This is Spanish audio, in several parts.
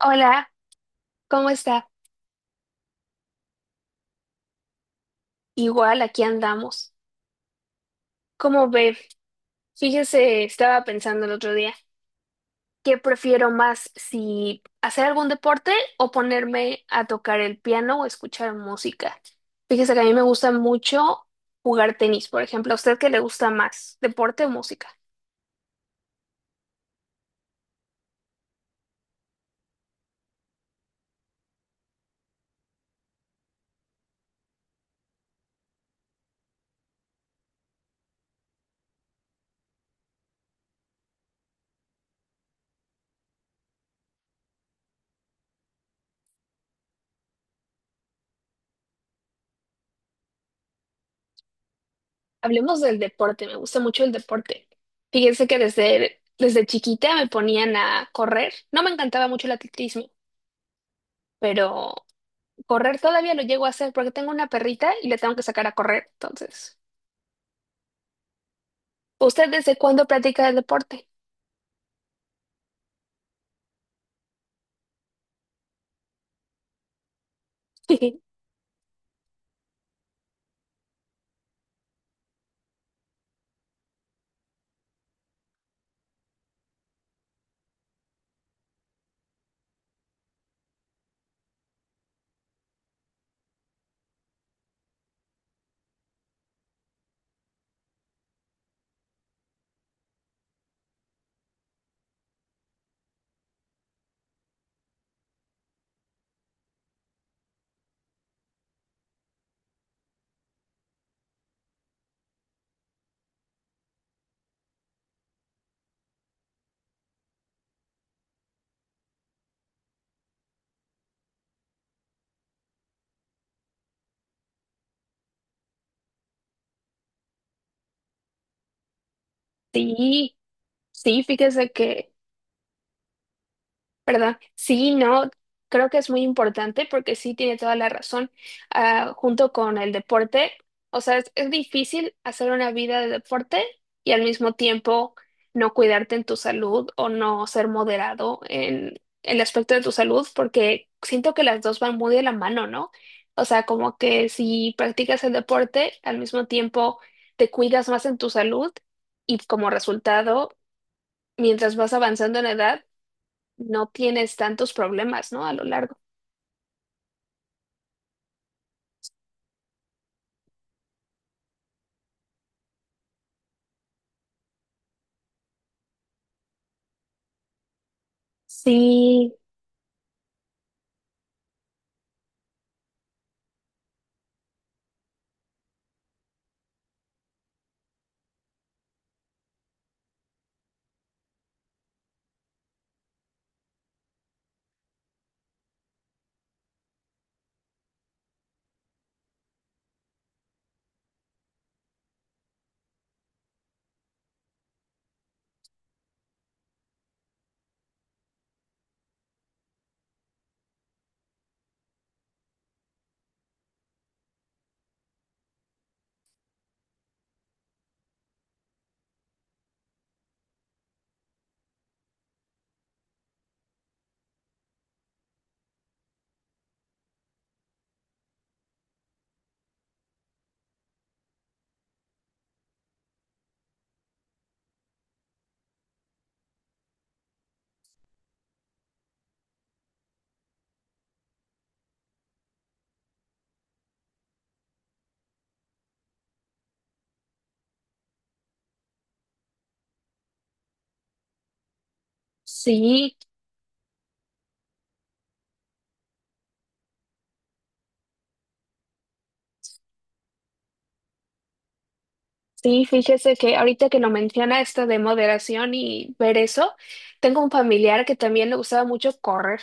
Hola, ¿cómo está? Igual aquí andamos. ¿Cómo ve? Fíjese, estaba pensando el otro día, ¿qué prefiero más, si hacer algún deporte o ponerme a tocar el piano o escuchar música? Fíjese que a mí me gusta mucho jugar tenis, por ejemplo. ¿A usted qué le gusta más, deporte o música? Hablemos del deporte, me gusta mucho el deporte. Fíjese que desde chiquita me ponían a correr. No me encantaba mucho el atletismo, pero correr todavía lo llego a hacer porque tengo una perrita y le tengo que sacar a correr. Entonces, ¿usted desde cuándo practica el deporte? Sí, sí, fíjese que, ¿verdad? Sí, no, creo que es muy importante porque sí tiene toda la razón. Ah, junto con el deporte, o sea, es difícil hacer una vida de deporte y al mismo tiempo no cuidarte en tu salud o no ser moderado en el aspecto de tu salud, porque siento que las dos van muy de la mano, ¿no? O sea, como que si practicas el deporte, al mismo tiempo te cuidas más en tu salud y, como resultado, mientras vas avanzando en edad, no tienes tantos problemas, ¿no? A lo largo. Sí, sí, sí, fíjese que ahorita que lo menciona esto de moderación y ver eso, tengo un familiar que también le gustaba mucho correr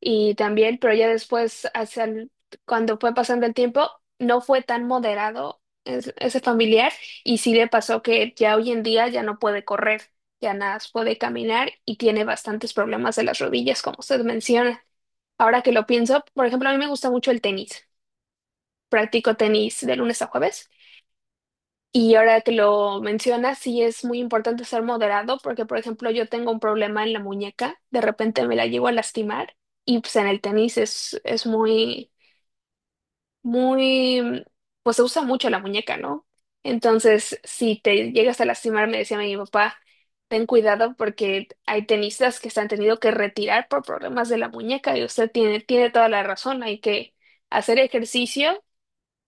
y también, pero ya después, hacia cuando fue pasando el tiempo, no fue tan moderado ese familiar y sí le pasó que ya hoy en día ya no puede correr, ya nada más puede caminar y tiene bastantes problemas de las rodillas, como usted menciona. Ahora que lo pienso, por ejemplo, a mí me gusta mucho el tenis. Practico tenis de lunes a jueves. Y ahora que lo mencionas, sí es muy importante ser moderado porque, por ejemplo, yo tengo un problema en la muñeca, de repente me la llego a lastimar y pues en el tenis es muy, muy, pues, se usa mucho la muñeca, ¿no? Entonces, si te llegas a lastimar, me decía mi papá, ten cuidado porque hay tenistas que se han tenido que retirar por problemas de la muñeca, y usted tiene, tiene toda la razón, hay que hacer ejercicio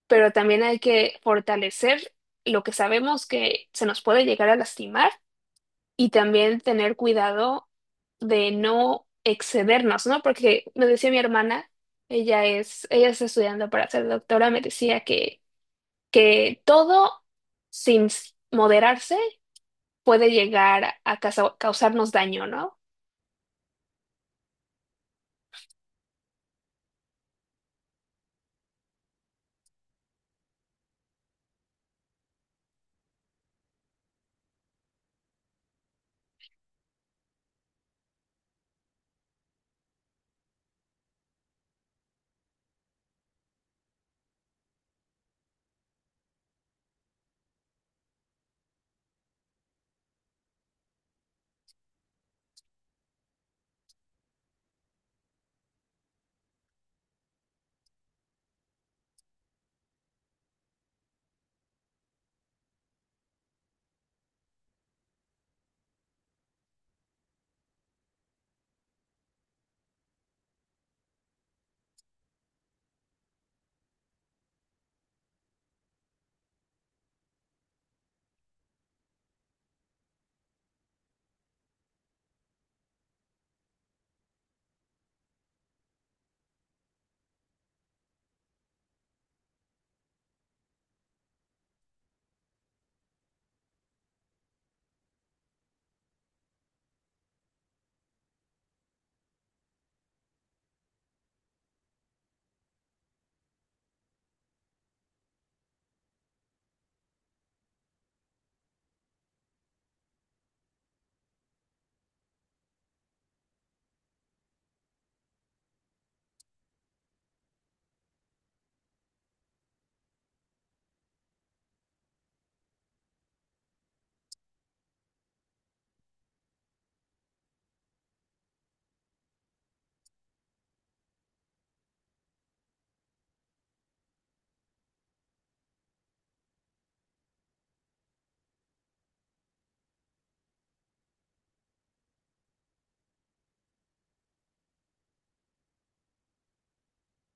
pero también hay que fortalecer lo que sabemos que se nos puede llegar a lastimar, y también tener cuidado de no excedernos, ¿no? Porque me decía mi hermana, ella está estudiando para ser doctora, me decía que todo sin s- moderarse puede llegar a causarnos daño, ¿no?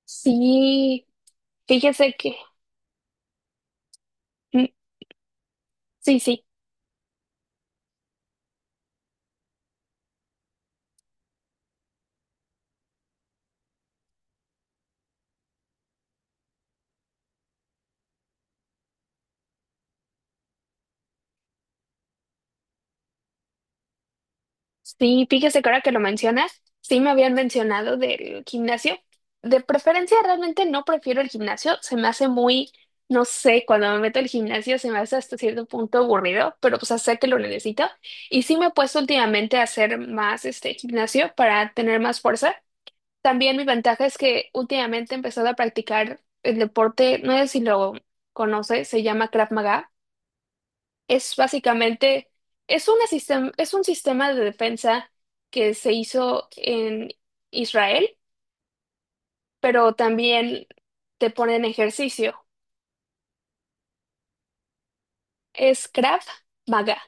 Sí, fíjese que, mm, sí, sí. Sí, fíjese que ahora que lo mencionas, sí me habían mencionado del gimnasio. De preferencia, realmente no prefiero el gimnasio. Se me hace muy, no sé, cuando me meto al gimnasio se me hace hasta cierto punto aburrido, pero pues sé que lo necesito. Y sí me he puesto últimamente a hacer más este gimnasio para tener más fuerza. También mi ventaja es que últimamente he empezado a practicar el deporte, no sé si lo conoce, se llama Krav Maga. Es básicamente, es un sistema de defensa que se hizo en Israel, pero también te ponen ejercicio. Es Krav Maga.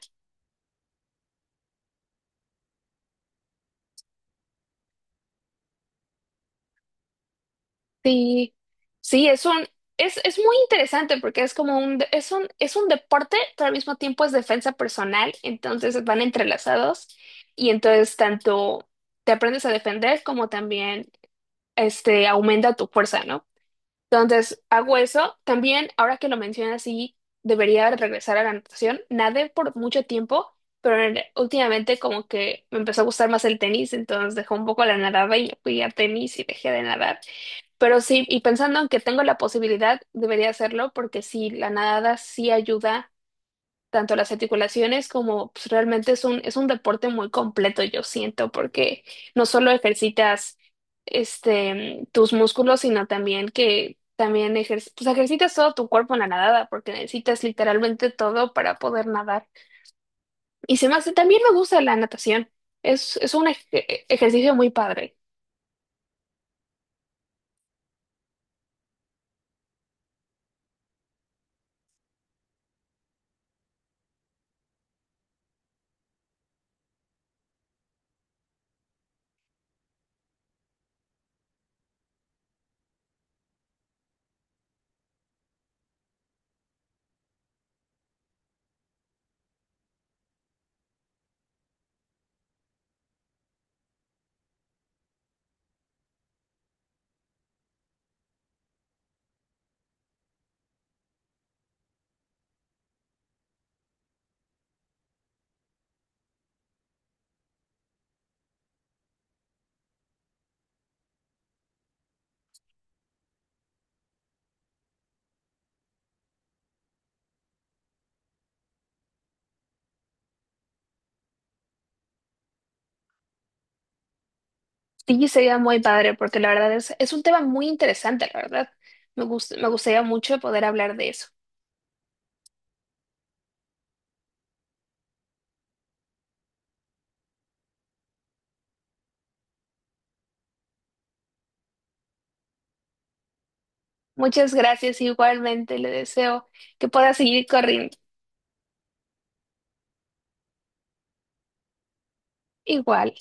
Sí, sí, es muy interesante porque es un deporte, pero al mismo tiempo es defensa personal, entonces van entrelazados, y entonces tanto te aprendes a defender como también este, aumenta tu fuerza, ¿no? Entonces, hago eso. También, ahora que lo mencionas, sí, debería regresar a la natación. Nadé por mucho tiempo, pero últimamente como que me empezó a gustar más el tenis, entonces dejé un poco la nadada y fui a tenis y dejé de nadar. Pero sí, y pensando en que tengo la posibilidad, debería hacerlo porque sí, la nadada sí ayuda tanto las articulaciones como pues, realmente es un deporte muy completo, yo siento, porque no solo ejercitas este, tus músculos, sino también que también pues, ejercitas todo tu cuerpo en la nadada, porque necesitas literalmente todo para poder nadar. Y se me hace, también me gusta la natación, es un ej- e- ejercicio muy padre. Sí, sería muy padre, porque la verdad es un tema muy interesante, la verdad. Me gustaría mucho poder hablar de eso. Muchas gracias, igualmente le deseo que pueda seguir corriendo igual.